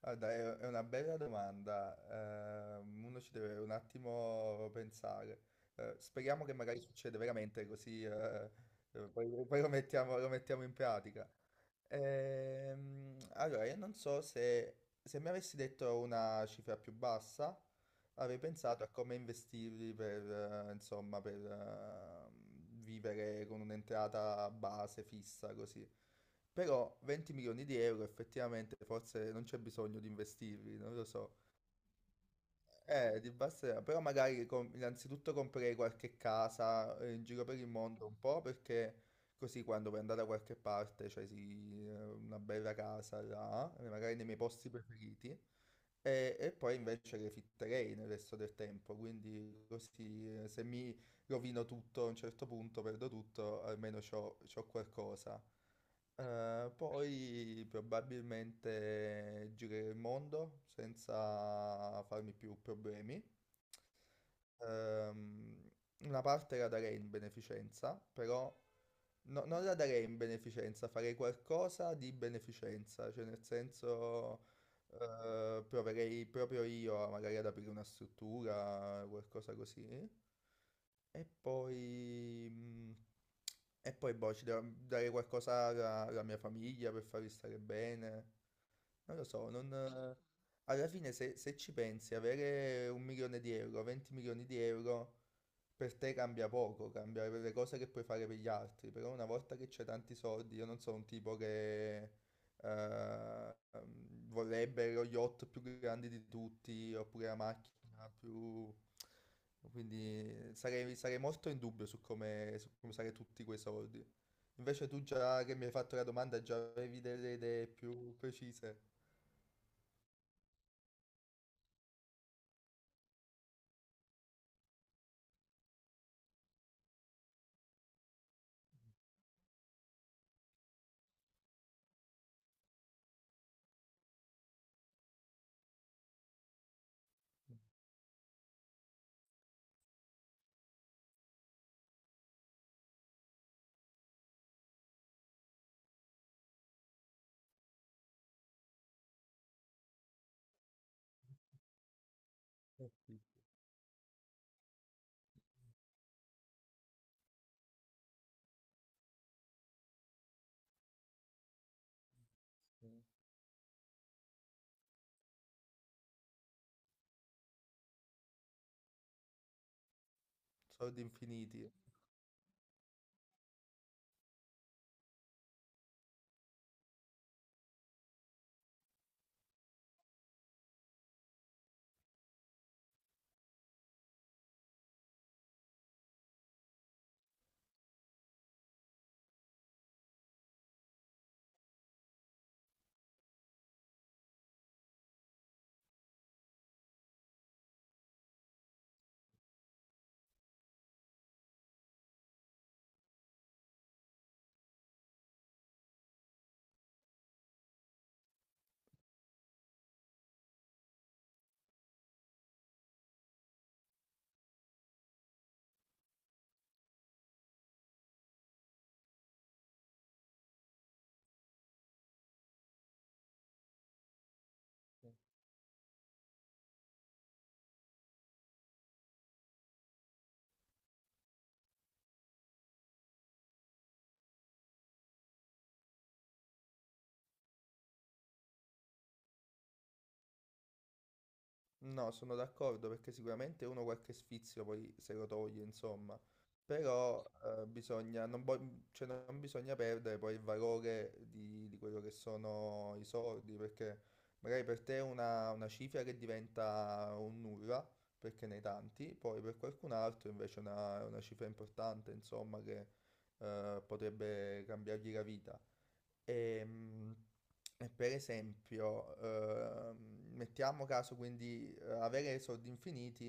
Guarda, è una bella domanda. Uno ci deve un attimo pensare. Speriamo che magari succede veramente così, poi lo mettiamo in pratica. Allora, io non so se mi avessi detto una cifra più bassa, avrei pensato a come investirli per, insomma, per vivere con un'entrata base fissa così. Però 20 milioni di euro effettivamente forse non c'è bisogno di investirli, non lo so. Di Barcellona. Però magari innanzitutto comprerei qualche casa, in giro per il mondo un po', perché così quando poi andare da qualche parte, cioè sì, una bella casa là, magari nei miei posti preferiti, e poi invece refitterei nel resto del tempo, quindi così, se mi rovino tutto a un certo punto, perdo tutto, almeno c'ho qualcosa. Poi probabilmente girerò il mondo senza farmi più problemi. Ehm, una parte la darei in beneficenza, però non la darei in beneficenza, farei qualcosa di beneficenza, cioè nel senso, proverei proprio io magari ad aprire una struttura, qualcosa così. E poi... mm, E poi, boh, ci devo dare qualcosa alla mia famiglia per farli stare bene. Non lo so. Non... Alla fine, se ci pensi, avere un milione di euro, 20 milioni di euro, per te cambia poco, cambia per le cose che puoi fare per gli altri. Però una volta che c'è tanti soldi, io non sono un tipo che... vorrebbe lo yacht più grande di tutti oppure la macchina più... Quindi sarei molto in dubbio su come usare tutti quei soldi. Invece tu, già che mi hai fatto la domanda, già avevi delle idee più precise. Soldi infiniti. No, sono d'accordo, perché sicuramente uno qualche sfizio poi se lo toglie, insomma, però bisogna, non, vo- cioè, non bisogna perdere poi il valore di quello che sono i soldi, perché magari per te è una cifra che diventa un nulla, perché ne hai tanti, poi per qualcun altro invece è una cifra importante, insomma, che potrebbe cambiargli la vita. Ehm, E, per esempio, mettiamo caso, quindi, avere soldi infiniti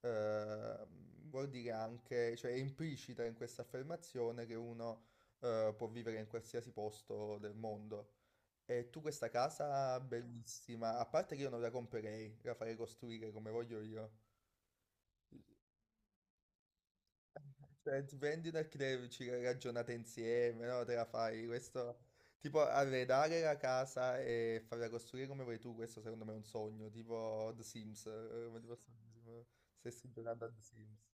ehm, vuol dire anche, cioè è implicita in questa affermazione che uno può vivere in qualsiasi posto del mondo. E tu questa casa bellissima, a parte che io non la comprerei, la farei costruire come voglio io. Cioè, ti prendi del credito, ci ragionate insieme, no? Te la fai. Questo, tipo, arredare la casa e farla costruire come vuoi tu, questo secondo me è un sogno, tipo The Sims, come ti posso dire, se stai giocando a The Sims.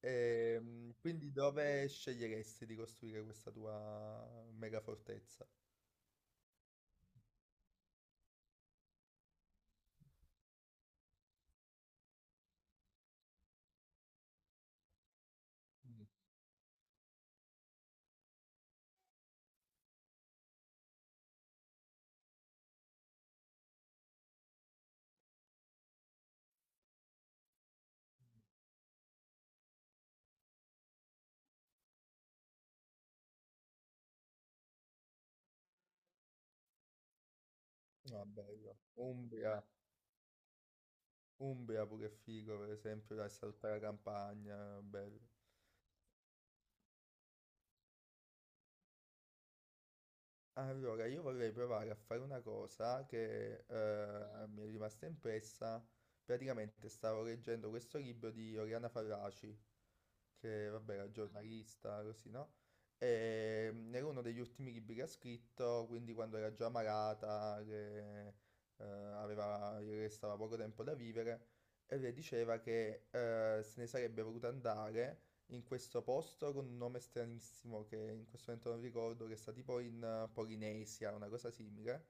Quindi dove sceglieresti di costruire questa tua mega fortezza? Mm. Ah, bello. Umbria. Umbria pure è figo, per esempio, dai, sta tutta la campagna, bello. Allora, io vorrei provare a fare una cosa che mi è rimasta impressa. Praticamente stavo leggendo questo libro di Oriana Fallaci, che vabbè era giornalista, così, no? Era uno degli ultimi libri che ha scritto, quindi quando era già malata, che gli restava poco tempo da vivere, e lei diceva che se ne sarebbe voluta andare in questo posto con un nome stranissimo che in questo momento non ricordo, che sta tipo in, Polinesia, una cosa simile.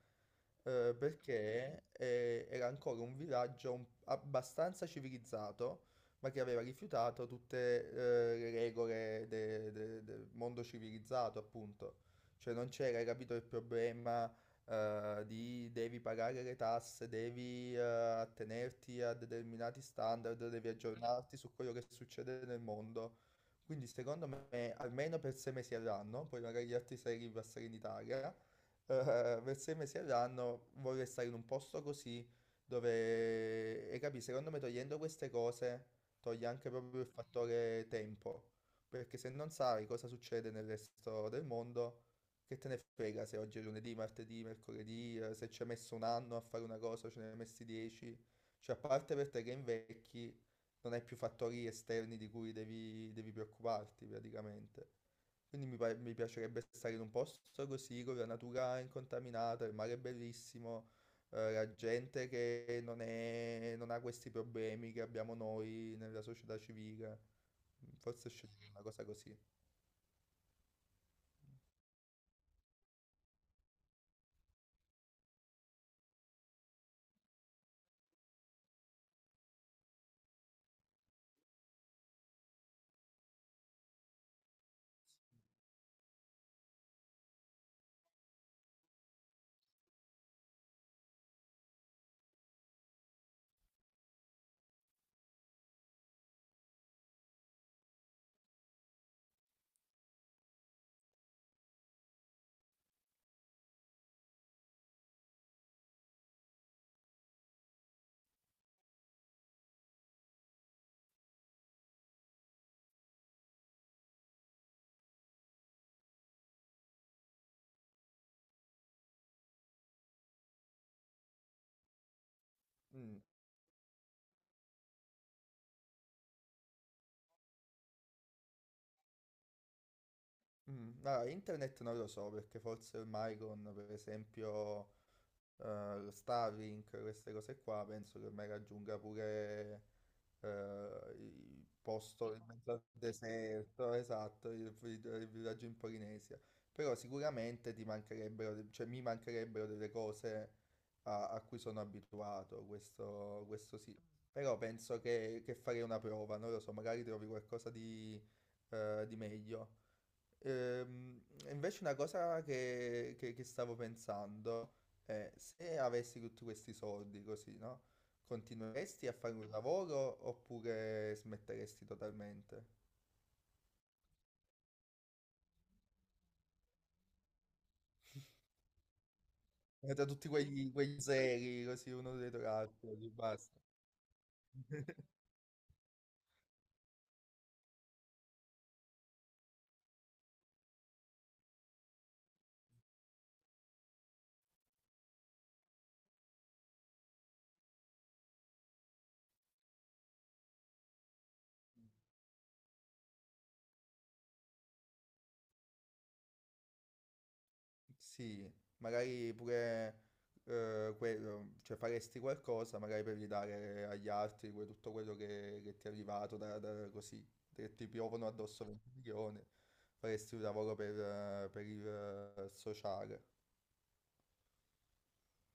Ok, perché era ancora un villaggio abbastanza civilizzato, ma che aveva rifiutato tutte, le regole del mondo civilizzato, appunto. Cioè non c'era, hai capito, il problema, di devi pagare le tasse, devi attenerti a determinati standard, devi aggiornarti su quello che succede nel mondo. Quindi secondo me, almeno per 6 mesi all'anno, poi magari gli altri sei ripassano in Italia, per 6 mesi all'anno vorrei stare in un posto così dove, secondo me togliendo queste cose toglie anche proprio il fattore tempo, perché se non sai cosa succede nel resto del mondo, che te ne frega se oggi è lunedì, martedì, mercoledì, se ci hai messo un anno a fare una cosa, ce ne hai messi 10, cioè a parte per te che invecchi, non hai più fattori esterni di cui devi preoccuparti praticamente. Quindi mi piacerebbe stare in un posto così, con la natura incontaminata, il mare è bellissimo, la gente che non ha questi problemi che abbiamo noi nella società civile. Forse scegliere una cosa così. Mm, mm. Allora, internet non lo so, perché forse ormai con, per esempio, lo Starlink, queste cose qua, penso che ormai raggiunga pure, il posto in mezzo al deserto, esatto, il villaggio in Polinesia. Però sicuramente ti mancherebbero, cioè mi mancherebbero delle cose a cui sono abituato, questo sì. Però penso che farei una prova, non lo so, magari trovi qualcosa di meglio. Ehm, invece una cosa che stavo pensando è se avessi tutti questi soldi così, no? Continueresti a fare un lavoro oppure smetteresti totalmente? Da tutti quegli zeri così uno dietro l'altro, così, basta. Sì, magari pure, quello, cioè faresti qualcosa magari per ridare agli altri tutto quello che ti è arrivato da, così, che ti piovono addosso 20 milioni, faresti un lavoro per il sociale.